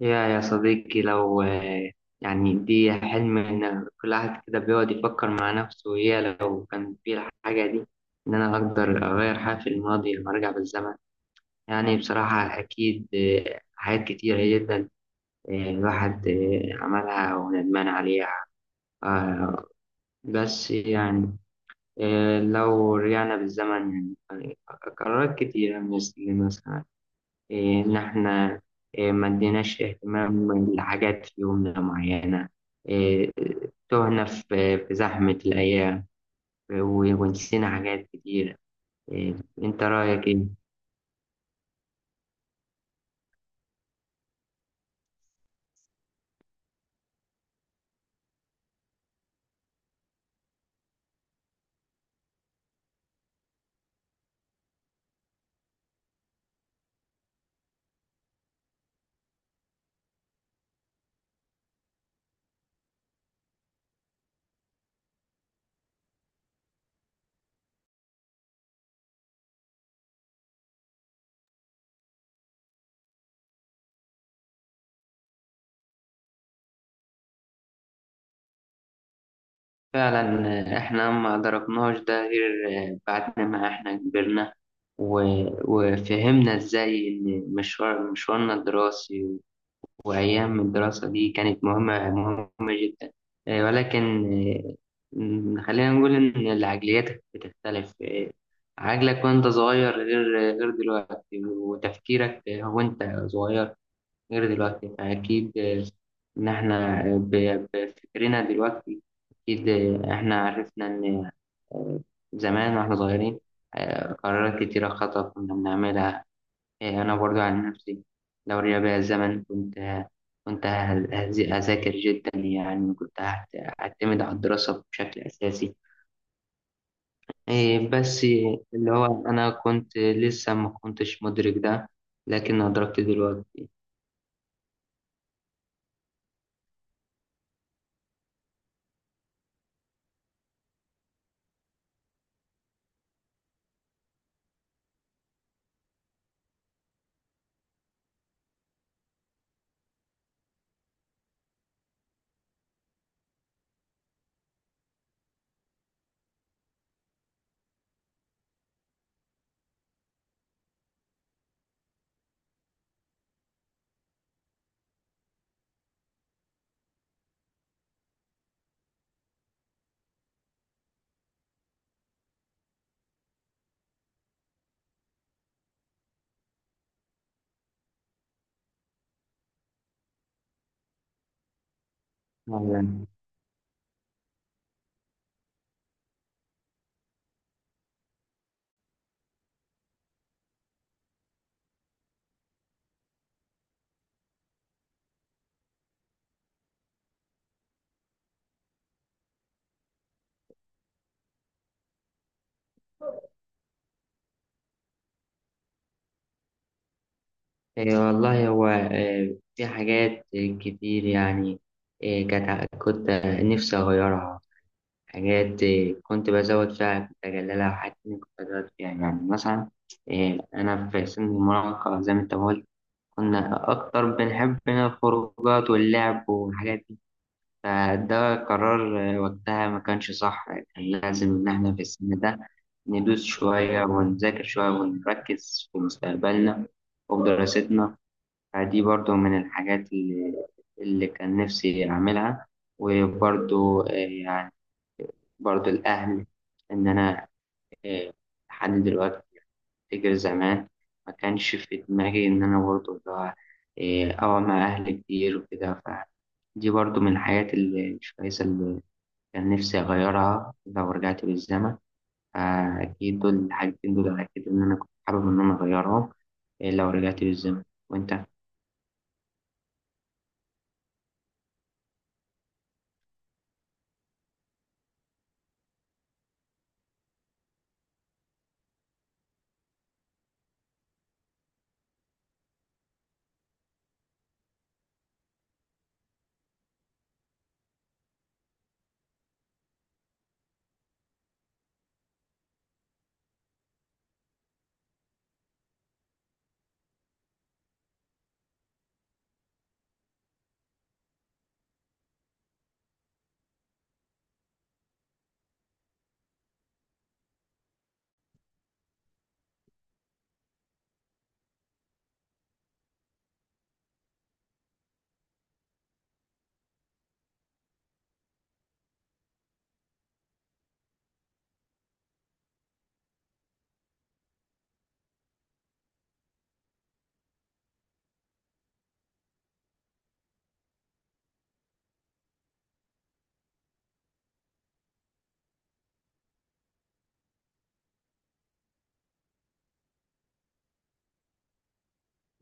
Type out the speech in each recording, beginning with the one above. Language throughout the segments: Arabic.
يا صديقي، لو يعني دي حلم، إن كل واحد كده بيقعد يفكر مع نفسه، يا لو كان في الحاجة دي، إن أنا أقدر أغير حاجة في الماضي لما أرجع بالزمن. يعني بصراحة أكيد حاجات كتيرة جدا الواحد عملها وندمان عليها. آه، بس يعني لو رجعنا بالزمن، يعني قرارات كتيرة مثلا إيه، إن إحنا ما اديناش اهتمام لحاجات في يومنا معينة. إيه، تهنا في زحمة الأيام ونسينا حاجات كتيرة. إيه، أنت رأيك إيه؟ فعلا. إحنا ما أدركناش ده غير بعد ما إحنا كبرنا و- وفهمنا إزاي إن مشوارنا الدراسي، وأيام الدراسة دي كانت مهمة مهمة جدا. ولكن آه، خلينا نقول إن العقليات بتختلف. عقلك وأنت صغير غير دلوقتي، وتفكيرك وأنت صغير غير دلوقتي. فأكيد إن إحنا بفكرنا دلوقتي أكيد، إحنا عرفنا إن آه، زمان واحنا صغيرين قرارات كتيرة خطأ كنا بنعملها. أنا برضو عن نفسي لو رجع بيا الزمن كنت هذاكر جدا، يعني كنت هعتمد على الدراسة بشكل أساسي. بس اللي هو أنا كنت لسه ما كنتش مدرك ده، لكن أدركت دلوقتي. فعلا. والله هو في حاجات كتير يعني كانت كنت نفسي أغيرها. حاجات كنت بزود فيها كنت أجللها، وحاجات تانية كنت أزود فيها، يعني مثلا أنا في سن المراهقة زي ما أنت قلت، كنا أكتر بنحب هنا الخروجات واللعب والحاجات دي. فده قرار وقتها ما كانش صح، كان لازم إن إحنا في السن ده ندوس شوية ونذاكر شوية ونركز في مستقبلنا وفي دراستنا. فدي برضو من الحاجات اللي كان نفسي أعملها. وبرضو يعني برضو الأهل، إن أنا آه، لحد دلوقتي أفتكر زمان ما كانش في دماغي إن أنا برضو اللي هو أقعد مع أهلي كتير وكده. فدي برضو من الحاجات اللي مش كويسة، اللي كان نفسي أغيرها لو رجعت بالزمن. فأكيد دول الحاجتين دول أكيد إن أنا كنت حابب إن أنا أغيرهم لو رجعت بالزمن. وأنت؟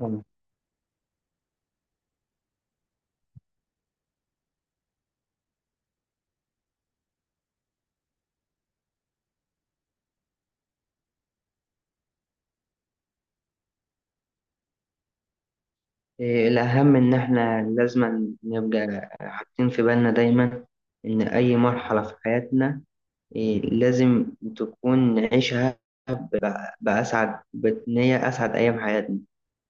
مم. الأهم إن إحنا لازم نبقى حاطين في بالنا دايما إن أي مرحلة في حياتنا لازم تكون نعيشها بأسعد، بإن هي أسعد أيام حياتنا.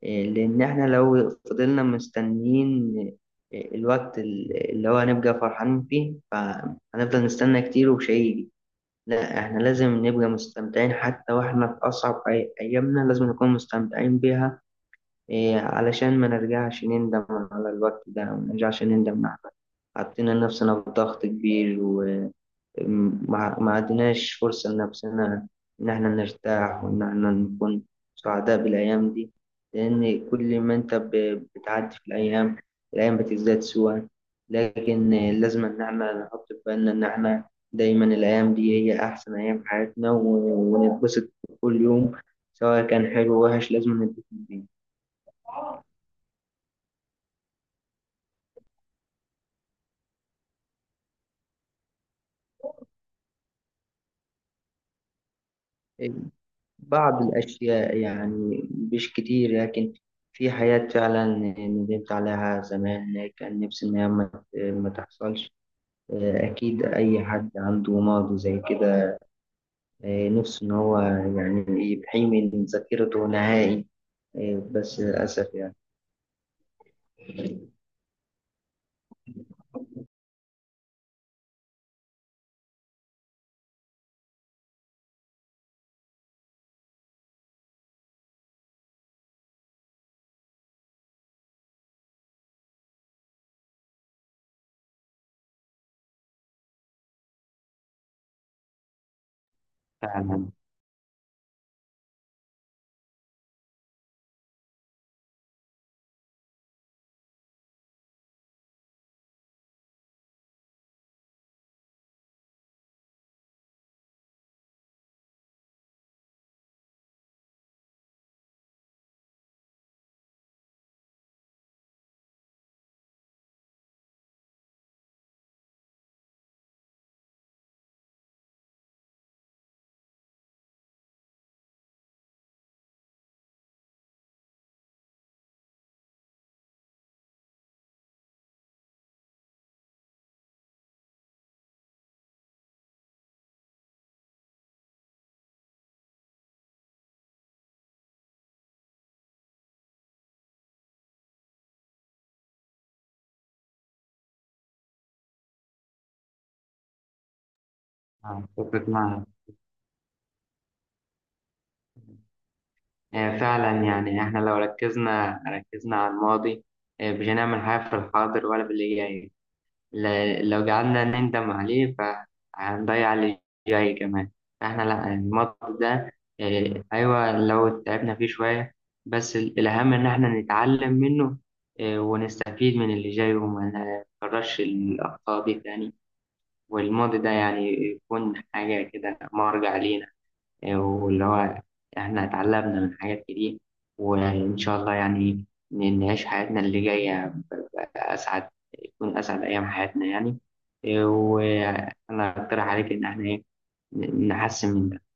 لأن إحنا لو فضلنا مستنيين الوقت اللي هو هنبقى فرحانين فيه، فهنفضل نستنى كتير ومش هيجي. لا، إحنا لازم نبقى مستمتعين حتى وإحنا في أصعب أيامنا، لازم نكون مستمتعين بيها. علشان ما نرجعش نندم على الوقت ده، وما نرجعش نندم على حطينا نفسنا في ضغط كبير، ما عدناش فرصة لنفسنا إن إحنا نرتاح، وإن إحنا نكون سعداء بالأيام دي. لأن كل ما أنت بتعدي في الأيام، الأيام بتزداد سوءا. لكن لازم إن إحنا نحط في بالنا إن إحنا دايما الأيام دي هي أحسن أيام في حياتنا، ونتبسط كل يوم. سواء كان حلو أو وحش لازم نتبسط بيه. بعض الأشياء يعني مش كتير، لكن في حاجات فعلا ندمت عليها زمان، كان نفسي إن هي ما تحصلش. أكيد أي حد عنده ماضي زي كده نفسه إن هو يعني يحيي من ذاكرته نهائي، بس للأسف يعني. فعلا. أتفق معك. فعلا، يعني إحنا لو ركزنا على الماضي، مش هنعمل حاجة في الحاضر ولا في اللي جاي. لو قعدنا نندم عليه فهنضيع اللي جاي كمان. احنا لا، الماتش ده ايوه لو تعبنا فيه شوية، بس الأهم إن احنا نتعلم منه. ونستفيد من اللي جاي، وما نكررش الأخطاء دي تاني. والماضي ده يعني يكون حاجة كده مرجع لينا، واللي هو احنا اتعلمنا من حاجات كتير. وان شاء الله يعني نعيش حياتنا اللي جايه اسعد، تكون اسعد ايام حياتنا يعني. وانا اقترح عليك ان احنا نحسن من ده